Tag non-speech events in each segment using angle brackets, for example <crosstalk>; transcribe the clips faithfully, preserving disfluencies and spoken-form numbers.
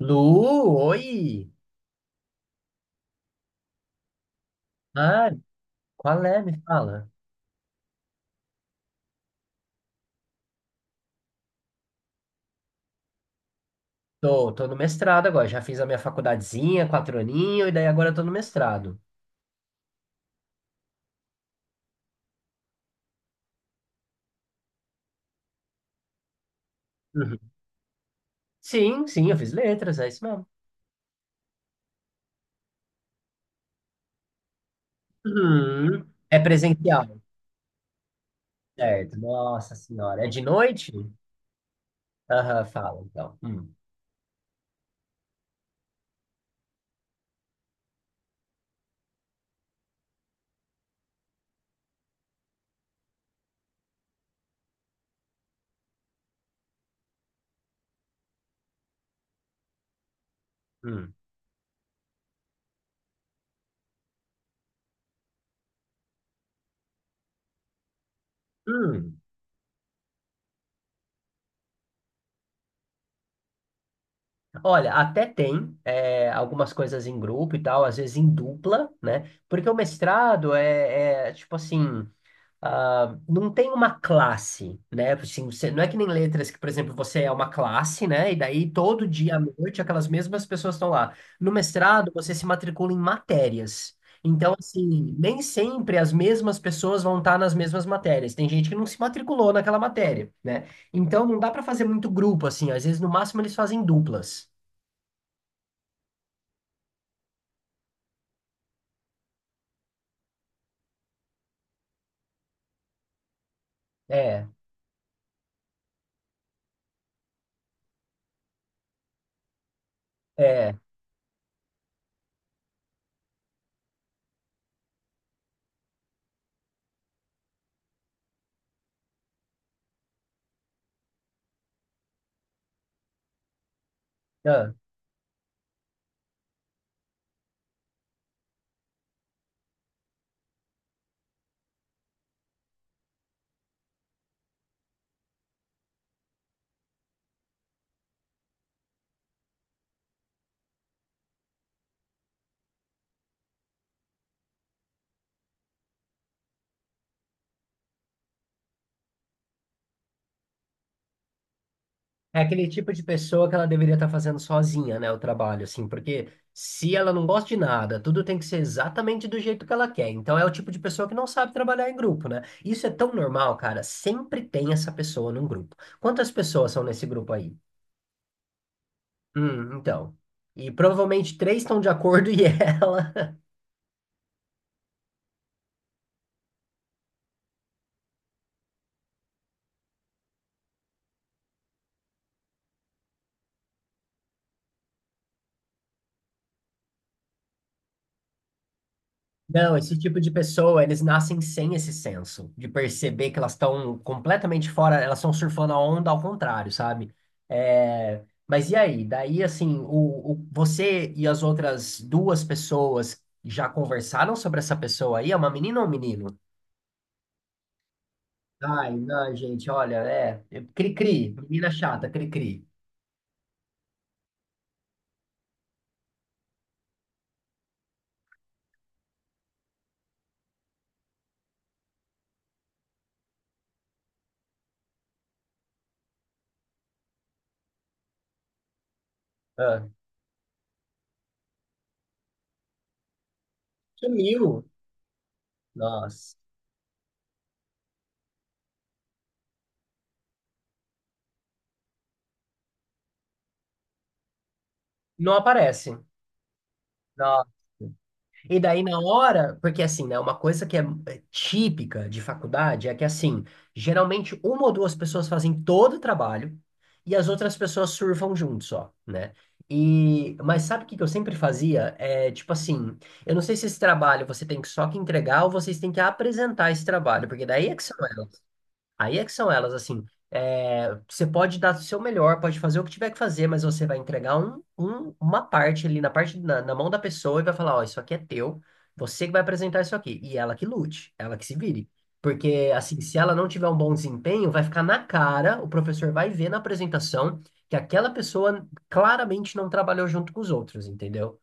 Lu, oi! Ah, qual é? Me fala. Tô, tô no mestrado agora. Já fiz a minha faculdadezinha, quatro aninhos, e daí agora eu tô no mestrado. Uhum. Sim, sim, eu fiz letras, é isso mesmo. Uhum. É presencial, certo? Nossa senhora. É de noite? Aham, fala então. Hum, hum, hum. Olha, até tem é, algumas coisas em grupo e tal, às vezes em dupla, né? Porque o mestrado é, é tipo assim. Ah, não tem uma classe, né? Assim, você, não é que nem letras que, por exemplo, você é uma classe, né? E daí todo dia à noite aquelas mesmas pessoas estão lá. No mestrado, você se matricula em matérias. Então, assim, nem sempre as mesmas pessoas vão estar nas mesmas matérias. Tem gente que não se matriculou naquela matéria, né? Então, não dá para fazer muito grupo, assim. Às vezes, no máximo, eles fazem duplas. É, é. É aquele tipo de pessoa que ela deveria estar fazendo sozinha, né, o trabalho, assim, porque se ela não gosta de nada, tudo tem que ser exatamente do jeito que ela quer. Então é o tipo de pessoa que não sabe trabalhar em grupo, né? Isso é tão normal, cara. Sempre tem essa pessoa num grupo. Quantas pessoas são nesse grupo aí? Hum, então. E provavelmente três estão de acordo e <laughs> ela. Não, esse tipo de pessoa, eles nascem sem esse senso de perceber que elas estão completamente fora, elas estão surfando a onda ao contrário, sabe? É, mas e aí? Daí, assim, o, o- você e as outras duas pessoas já conversaram sobre essa pessoa aí? É uma menina ou um menino? Ai, não, gente, olha, é. Cri-cri, menina chata, cri-cri. Ah, sumiu. Nossa. Não aparece. Nossa. E daí na hora, porque assim, né, uma coisa que é é típica de faculdade é que assim, geralmente uma ou duas pessoas fazem todo o trabalho e as outras pessoas surfam junto só, né? E, mas sabe o que que eu sempre fazia? É tipo assim, eu não sei se esse trabalho você tem que só que entregar ou vocês têm que apresentar esse trabalho, porque daí é que são elas. Aí é que são elas, assim. É, você pode dar o seu melhor, pode fazer o que tiver que fazer, mas você vai entregar um, um- uma parte ali na parte na, na mão da pessoa e vai falar, ó, isso aqui é teu, você que vai apresentar isso aqui. E ela que lute, ela que se vire. Porque, assim, se ela não tiver um bom desempenho, vai ficar na cara, o professor vai ver na apresentação que aquela pessoa claramente não trabalhou junto com os outros, entendeu?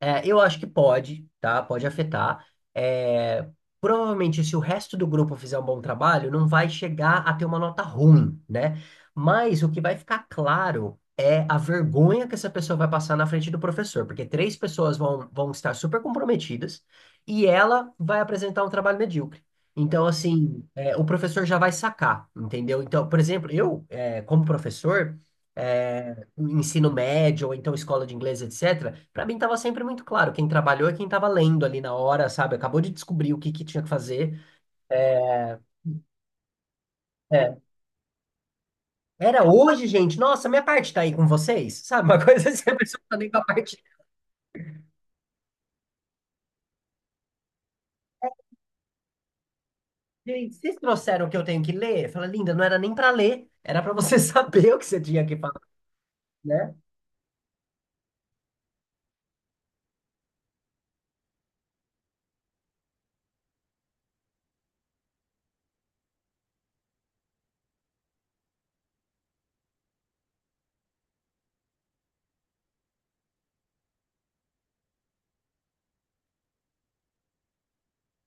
É, eu acho que pode, tá? Pode afetar. É, provavelmente, se o resto do grupo fizer um bom trabalho, não vai chegar a ter uma nota ruim, né? Mas o que vai ficar claro é a vergonha que essa pessoa vai passar na frente do professor, porque três pessoas vão, vão estar super comprometidas e ela vai apresentar um trabalho medíocre. Então, assim, é, o professor já vai sacar, entendeu? Então, por exemplo, eu, é, como professor. É, o ensino médio, ou então escola de inglês, et cetera, para mim estava sempre muito claro. Quem trabalhou é quem estava lendo ali na hora, sabe? Acabou de descobrir o que que tinha que fazer. É, era hoje, gente. Nossa, minha parte tá aí com vocês, sabe? Uma <laughs> coisa assim, a pessoa tá nem com a parte. Gente, vocês trouxeram o que eu tenho que ler? Fala, linda, não era nem para ler, era para você <laughs> saber o que você tinha que falar, né?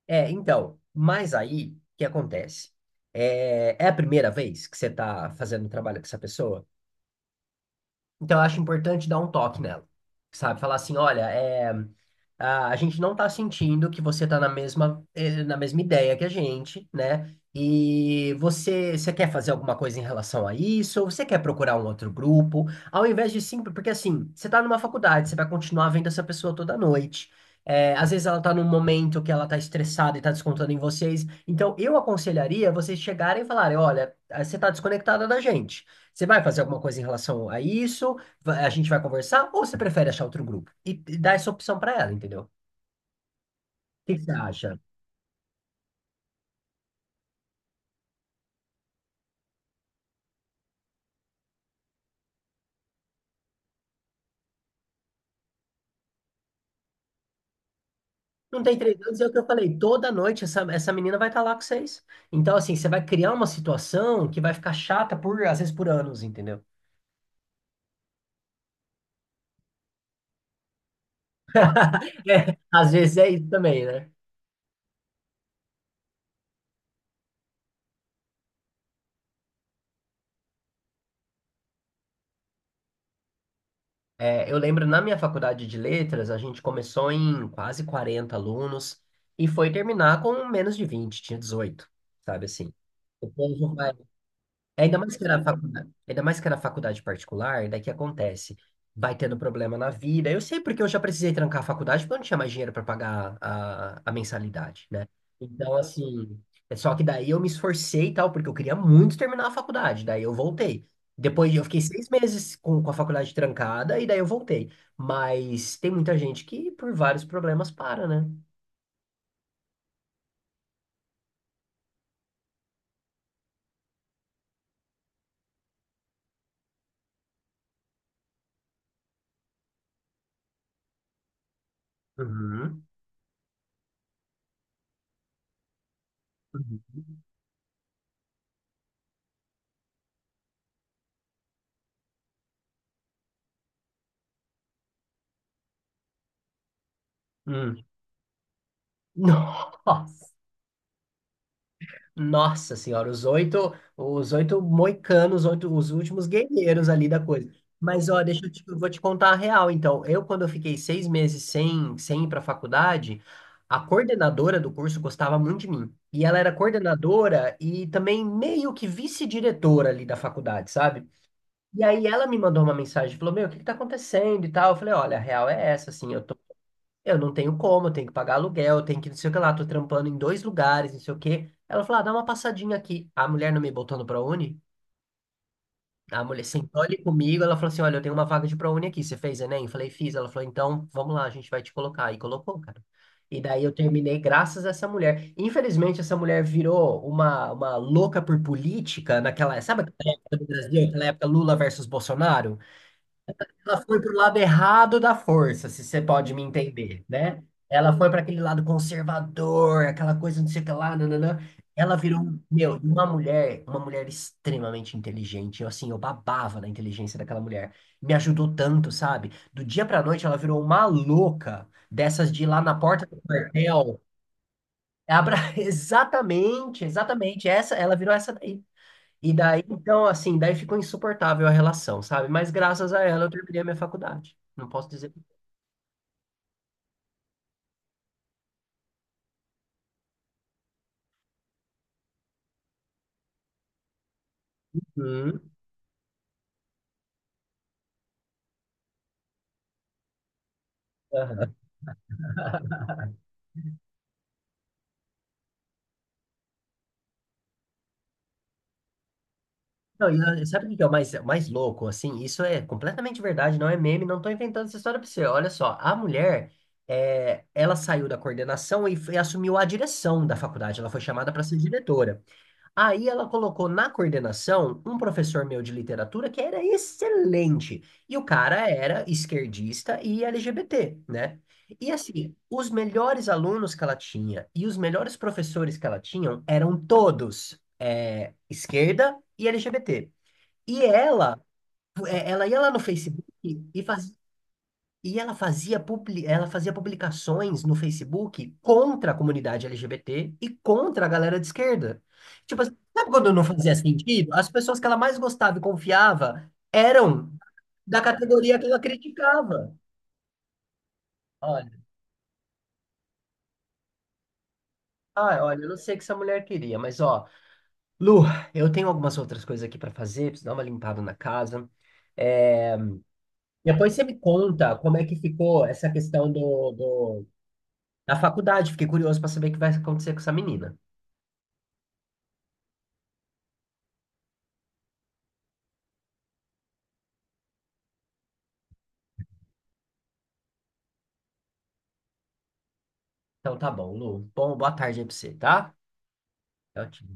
É, então, mas aí, o que acontece? É, é a primeira vez que você está fazendo trabalho com essa pessoa? Então, eu acho importante dar um toque nela, sabe? Falar assim, olha, é, a, a gente não tá sentindo que você tá na mesma, eh, na mesma ideia que a gente, né? E você, você quer fazer alguma coisa em relação a isso? Ou você quer procurar um outro grupo? Ao invés de simples, porque assim, você tá numa faculdade, você vai continuar vendo essa pessoa toda noite. É, às vezes ela tá num momento que ela tá estressada e tá descontando em vocês. Então, eu aconselharia vocês chegarem e falarem, olha, eh, você tá desconectada da gente. Você vai fazer alguma coisa em relação a isso? Va- a gente vai conversar ou você prefere achar outro grupo? E, e dar essa opção pra ela, entendeu? O que que você acha? Não tem três anos, é o que eu falei, toda noite essa, essa menina vai estar lá com vocês. Então, assim, você vai criar uma situação que vai ficar chata por, às vezes, por anos, entendeu? <laughs> É, às vezes é isso também, né? É, eu lembro na minha faculdade de letras, a gente começou em quase quarenta alunos e foi terminar com menos de vinte, tinha dezoito, sabe assim? O povo. Ainda mais que era faculdade, ainda mais que era faculdade particular, daí que acontece? Vai tendo problema na vida. Eu sei porque eu já precisei trancar a faculdade porque eu não tinha mais dinheiro para pagar a, a mensalidade, né? Então, assim, é só que daí eu me esforcei e tal, porque eu queria muito terminar a faculdade. Daí eu voltei. Depois eu fiquei seis meses com, com a faculdade trancada e daí eu voltei. Mas tem muita gente que por vários problemas para, né? Uhum. Uhum. Hum. <laughs> Nossa! Nossa senhora, os oito, os oito moicanos, os, oito- os últimos guerreiros ali da coisa. Mas ó, deixa eu te, eu vou te contar a real. Então, eu quando eu fiquei seis meses sem, sem ir para a faculdade, a coordenadora do curso gostava muito de mim. E ela era coordenadora e também meio que vice-diretora ali da faculdade, sabe? E aí ela me mandou uma mensagem, falou, meu, o que que tá acontecendo e tal? Eu falei, olha, a real é essa, assim, eu eu não tenho como, eu tenho que pagar aluguel, eu tenho que não sei o que lá, tô trampando em dois lugares, não sei o que. Ela falou, ah, dá uma passadinha aqui. A mulher não me botou no ProUni? A mulher sentou ali comigo, ela falou assim, olha, eu tenho uma vaga de ProUni aqui, você fez Enem? Eu falei, fiz. Ela falou, então, vamos lá, a gente vai te colocar. E colocou, cara. E daí eu terminei graças a essa mulher. Infelizmente, essa mulher virou uma, uma louca por política naquela, sabe aquela época do Brasil, aquela época Lula versus Bolsonaro? Ela foi para o lado errado da força, se você pode me entender, né? Ela foi para aquele lado conservador, aquela coisa não sei o que lá, nananã. Ela virou, um, meu, uma mulher, uma mulher extremamente inteligente. Eu, assim, eu babava na inteligência daquela mulher. Me ajudou tanto, sabe? Do dia pra noite, ela virou uma louca dessas de ir lá na porta do quartel. Abra... <laughs> Exatamente, exatamente. Essa, ela virou essa. E daí, então, assim, daí ficou insuportável a relação, sabe? Mas graças a ela eu terminei a minha faculdade. Não posso dizer. Hum, aham. Não, e, ah, sabe o que é o mais, mais louco? Assim, isso é completamente verdade, não é meme, não tô inventando essa história pra você. Olha só, a mulher, é, ela saiu da coordenação e, foi- assumiu a direção da faculdade. Ela foi chamada para ser diretora. Aí ela colocou na coordenação um professor meu de literatura que era excelente. E o cara era esquerdista e L G B T, né? E assim, os melhores alunos que ela tinha e os melhores professores que ela tinha eram todos é, esquerda e L G B T. E ela, é, ela ia lá no Facebook e fazia e ela fazia, publi- ela fazia publicações no Facebook contra a comunidade L G B T e contra a galera de esquerda. Tipo assim, sabe quando não fazia sentido? As pessoas que ela mais gostava e confiava eram da categoria que ela criticava. Olha, ah, olha, eu não sei o que essa mulher queria, mas ó, Lu, eu tenho algumas outras coisas aqui para fazer, preciso dar uma limpada na casa. É, depois você me conta como é que ficou essa questão do, do- da faculdade. Fiquei curioso para saber o que vai acontecer com essa menina. Então tá bom, Lu. Bom, boa tarde aí pra você, tá? Tchau, tchau.